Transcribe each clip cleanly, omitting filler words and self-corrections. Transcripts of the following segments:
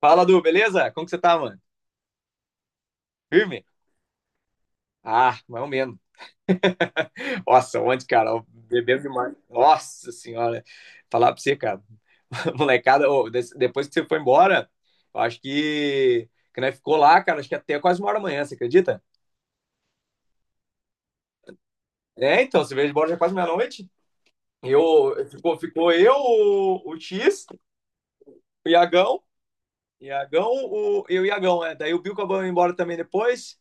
Fala, Du, beleza? Como que você tá, mano? Firme? Ah, mais ou menos. Nossa, ontem, cara, eu bebendo demais. Nossa senhora, falar pra você, cara, molecada, ô, depois que você foi embora, eu acho que nós ficou lá, cara, acho que até quase 1 hora da manhã, você acredita? É, então, você veio embora já quase meia-noite. Eu, ficou eu, o X, o Iagão, Iagão, o, e o Iagão, né? Daí o Bill acabou indo embora também depois,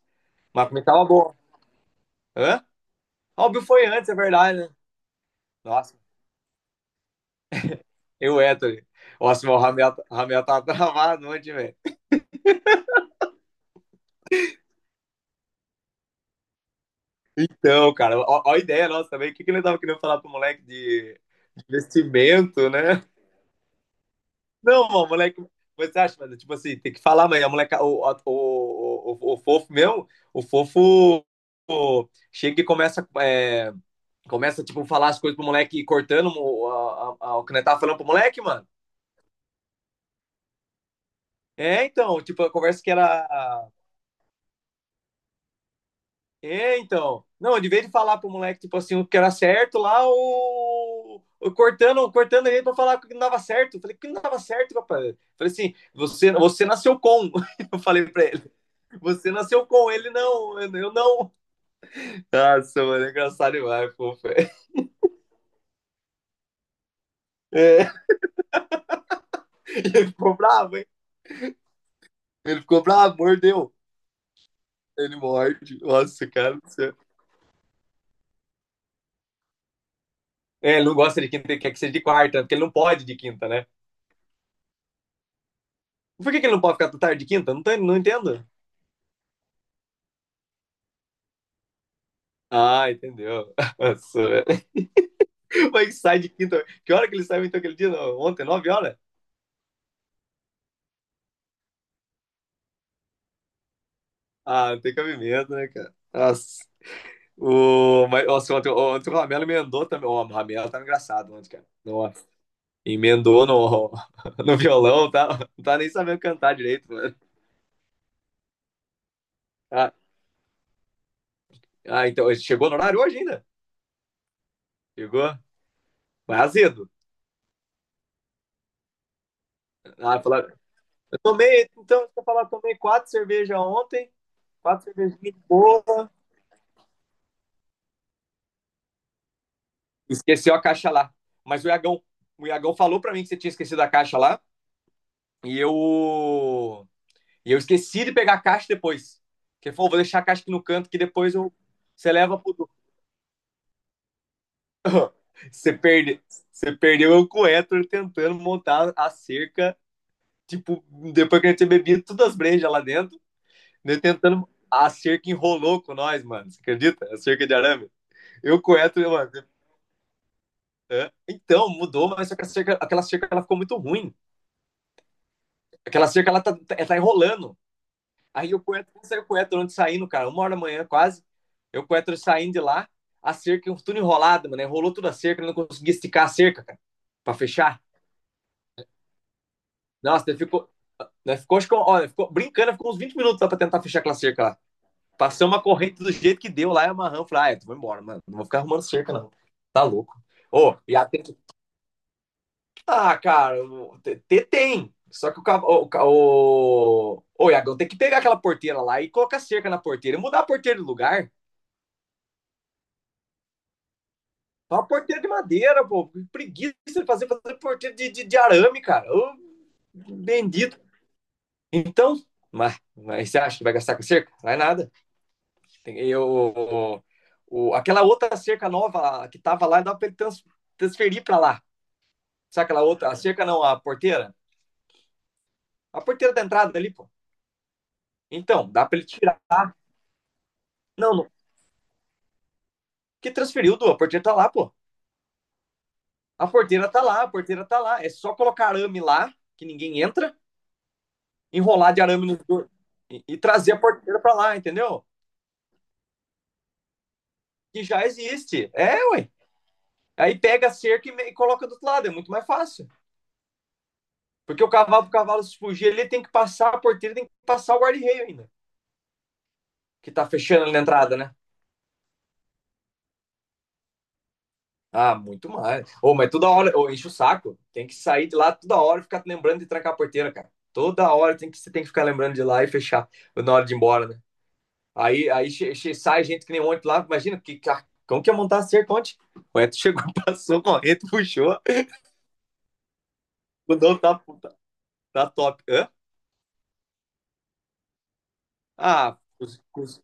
mas pra mim tava bom. Hã? Ah, o Bill foi antes, é verdade, né? Nossa, eu o Ettore. Nossa, mas Ramel tava travado ontem, velho. Então, cara, ó a ideia nossa também. O que ele tava querendo falar pro moleque de investimento, né? Não, mano, moleque. Você acha, mano? Tipo assim, tem que falar, mas a moleca, o, a- o, o fofo mesmo, o fofo chega e começa, é, começa, tipo, falar as coisas pro moleque, cortando o, a- o que nós tava falando pro moleque, mano. É, então, tipo, a conversa que era É, então. Não, de vez de falar pro moleque, tipo assim, o que era certo lá, cortando ele pra falar que não dava certo. Eu falei, que não dava certo, rapaz. Eu falei assim, você nasceu com. Eu falei pra ele, você nasceu com ele, não, eu não. Nossa, mano, é engraçado demais, fofo. É, ele ficou bravo, hein? Ele ficou bravo, mordeu. Ele morde. Nossa, cara do céu. É, ele não gosta de quinta, ele quer que seja de quarta, porque ele não pode de quinta, né? Por que que ele não pode ficar tarde de quinta? Não, não entendo. Ah, entendeu. Nossa, mas sai de quinta. Que hora que ele saiu então aquele dia? Não, ontem, 9 horas? Ah, não tem cabimento, né, cara? Nossa. O, mas, nossa, ontem o Ramelo emendou também. O Ramelo tá engraçado ontem, cara. Nossa. Emendou no, no violão, tá? Não tá nem sabendo cantar direito, mano. Ah, ah, então, ele chegou no horário hoje ainda? Chegou? Mas azedo. Ah, falaram, eu tomei, então, se eu falar, tomei 4 cervejas ontem, 4 cervejinhas de boa. Esqueceu a caixa lá. Mas o Iagão falou para mim que você tinha esquecido a caixa lá. E eu. E eu esqueci de pegar a caixa depois. Que ele falou, vou deixar a caixa aqui no canto que depois eu. Você leva pro. você, perde... você perdeu eu com o Héctor tentando montar a cerca. Tipo, depois que a gente tinha bebido todas as brejas lá dentro, né, tentando a cerca enrolou com nós, mano. Você acredita? A cerca de arame. Eu com o Héctor, mano. Então, mudou, mas só que a cerca, aquela cerca ela ficou muito ruim. Aquela cerca ela tá enrolando. Aí o Coetro saiu o Coetro antes saindo, cara, 1 hora da manhã quase. Eu o Coetro saindo de lá, a cerca, tudo enrolado, mano. Enrolou toda a cerca, não conseguia esticar a cerca, cara, pra fechar. Nossa, ele ficou. Nós ficou, acho que, olha, ficou brincando, ficou uns 20 minutos lá pra tentar fechar aquela cerca lá. Passamos uma corrente do jeito que deu lá e amarramos. Falei, ah, eu vou embora, mano. Não vou ficar arrumando cerca, não. Tá louco. Ô, e a, ah, cara, tem. Só que o, cav- o, ca- o Iagão tem que pegar aquela porteira lá e colocar cerca na porteira e mudar a porteira de lugar. É uma porteira de madeira, pô. Que preguiça de fazer, porteira de arame, cara. Ô, bendito. Então, mas você acha que vai gastar com cerca? Não é nada. Tem- Eu, aquela outra cerca nova que tava lá, dá pra ele transferir pra lá. Sabe aquela outra? A cerca não, a porteira? A porteira da entrada ali, pô. Então, dá pra ele tirar. Não que transferiu, do A porteira tá lá, pô. A porteira tá lá, a porteira tá lá. É só colocar arame lá, que ninguém entra, enrolar de arame no e trazer a porteira pra lá, entendeu? Que já existe. É, ué. Aí pega a cerca e coloca do outro lado, é muito mais fácil. Porque o cavalo, pro cavalo se fugir, ele tem que passar a porteira, tem que passar o guarda-reio ainda, que tá fechando ali na entrada, né? Ah, muito mais. Ô, mas toda hora, ô, enche o saco. Tem que sair de lá toda hora e ficar lembrando de trancar a porteira, cara. Toda hora tem que, você tem que ficar lembrando de lá e fechar na hora de ir embora, né? Aí, sai gente que nem ontem lá, imagina, que como que ia montar cerca ontem. O Eto chegou, passou correndo, puxou. O dono tá top. Hã? Ah,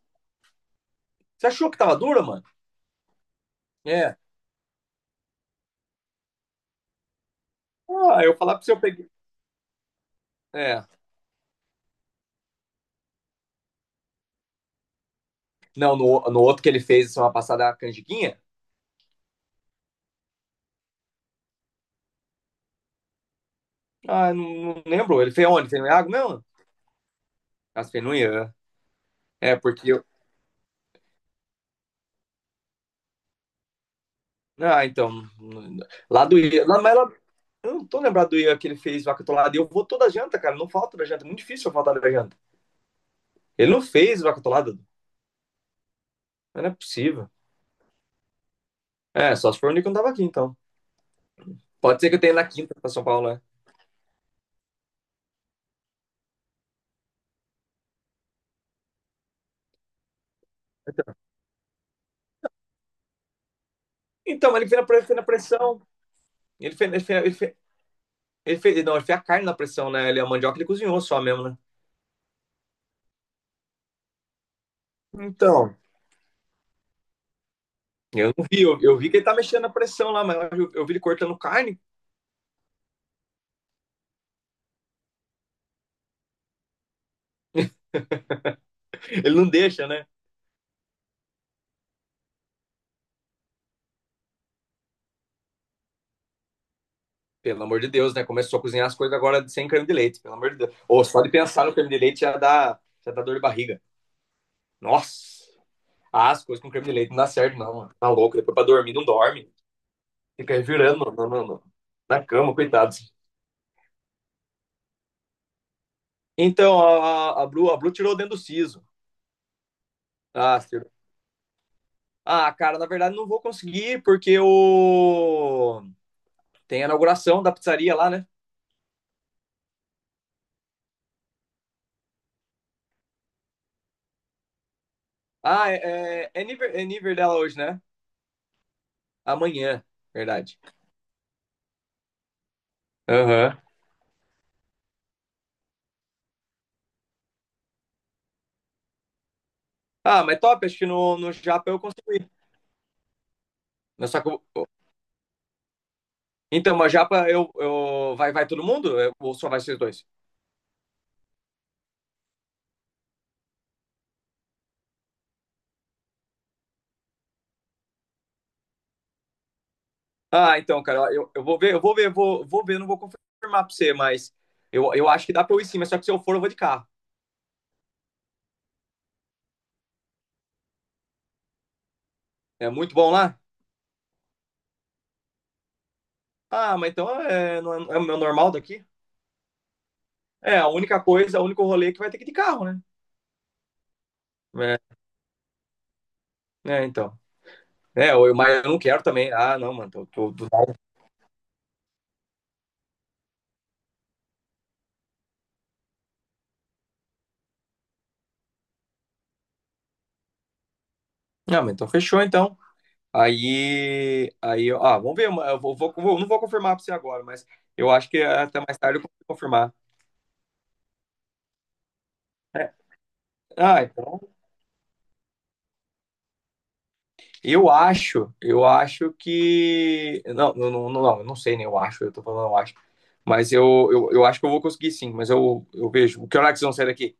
você achou que tava dura, mano? É. Ah, eu falar pro seu, eu peguei. É. Não, no outro que ele fez semana passada, a canjiquinha. Ah, não lembro. Ele fez onde? Fez no Iago mesmo? Ah, fez no Ian. É, porque eu. Ah, então. Lá do Ian. Lá, eu não tô lembrado do Ian que ele fez vaca atolada. E eu vou toda janta, cara. Não falta da janta. É muito difícil eu faltar da janta. Ele não fez o Acatolado? Não é possível. É, só se for o Nico não tava aqui, então. Pode ser que eu tenha na quinta pra São Paulo, né? Então, mas ele fez na pressão. Ele fez, ele, fez, ele, fez, Não, ele fez a carne na pressão, né? Ele, a mandioca ele cozinhou só mesmo, né? Então. Eu não vi, eu vi que ele tá mexendo na pressão lá, mas eu vi ele cortando carne. Ele não deixa, né? Pelo amor de Deus, né? Começou a cozinhar as coisas agora sem creme de leite, pelo amor de Deus. Ou só de pensar no creme de leite já dá dor de barriga. Nossa! Ah, as coisas com creme de leite não dá certo, não, mano. Tá louco, depois pra dormir não dorme. Fica aí virando na cama, coitados. Então, a Bru tirou dentro do siso. Ah, tirou. Ah, cara, na verdade não vou conseguir, porque o... tem a inauguração da pizzaria lá, né? Ah, é nível dela hoje, né? Amanhã, verdade. Aham. Ah, mas top, acho que no Japa eu consigo ir. Mas só que então, mas Japa vai, todo mundo? Ou só vai vocês dois? Ah, então, cara, eu vou ver, vou ver, não vou confirmar pra você, mas eu acho que dá pra eu ir sim, mas só que se eu for, eu vou de carro. É muito bom lá? Ah, mas então é, não é, é o meu normal daqui? É, a única coisa, o único rolê é que vai ter que ir de carro, né? É, então. É, eu, mas eu não quero também. Ah, não, mano, não, mas então fechou, então. Aí, ó, ah, vamos ver, eu vou, vou, vou- não vou confirmar pra você agora, mas eu acho que é até mais tarde eu consigo confirmar. É, ah, então. Eu acho que. Não, não, não, não, eu não sei, né? Eu acho, eu tô falando, eu acho. Mas eu acho que eu vou conseguir sim, mas eu vejo. Que hora que vocês vão sair daqui?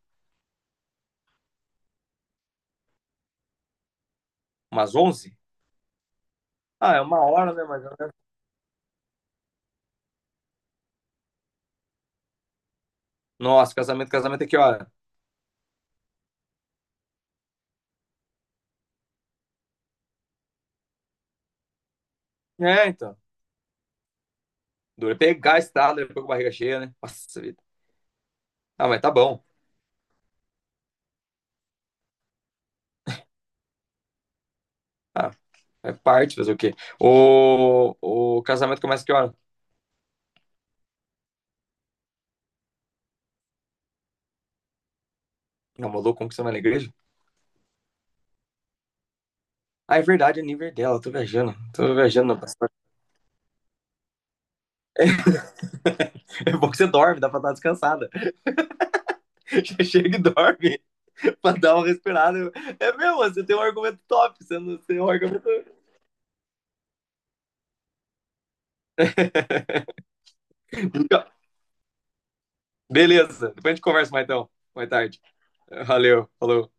Umas 11? Ah, é 1 hora, né? Mas... Nossa, casamento, casamento é que hora? É, então. Dura é pegar a estrada, depois com a barriga cheia, né? Nossa vida. Ah, mas tá bom. Ah, é parte, fazer o quê? O, o casamento começa que hora? Não, maluco, como que você vai na igreja? Ah, é verdade, é nível dela, eu tô viajando. Tô viajando na é bom que você dorme, dá pra estar descansada. Já chega e dorme pra dar uma respirada. É mesmo, você tem um argumento top, você não tem um argumento. Beleza, depois a gente conversa mais então. Boa tarde. Valeu, falou.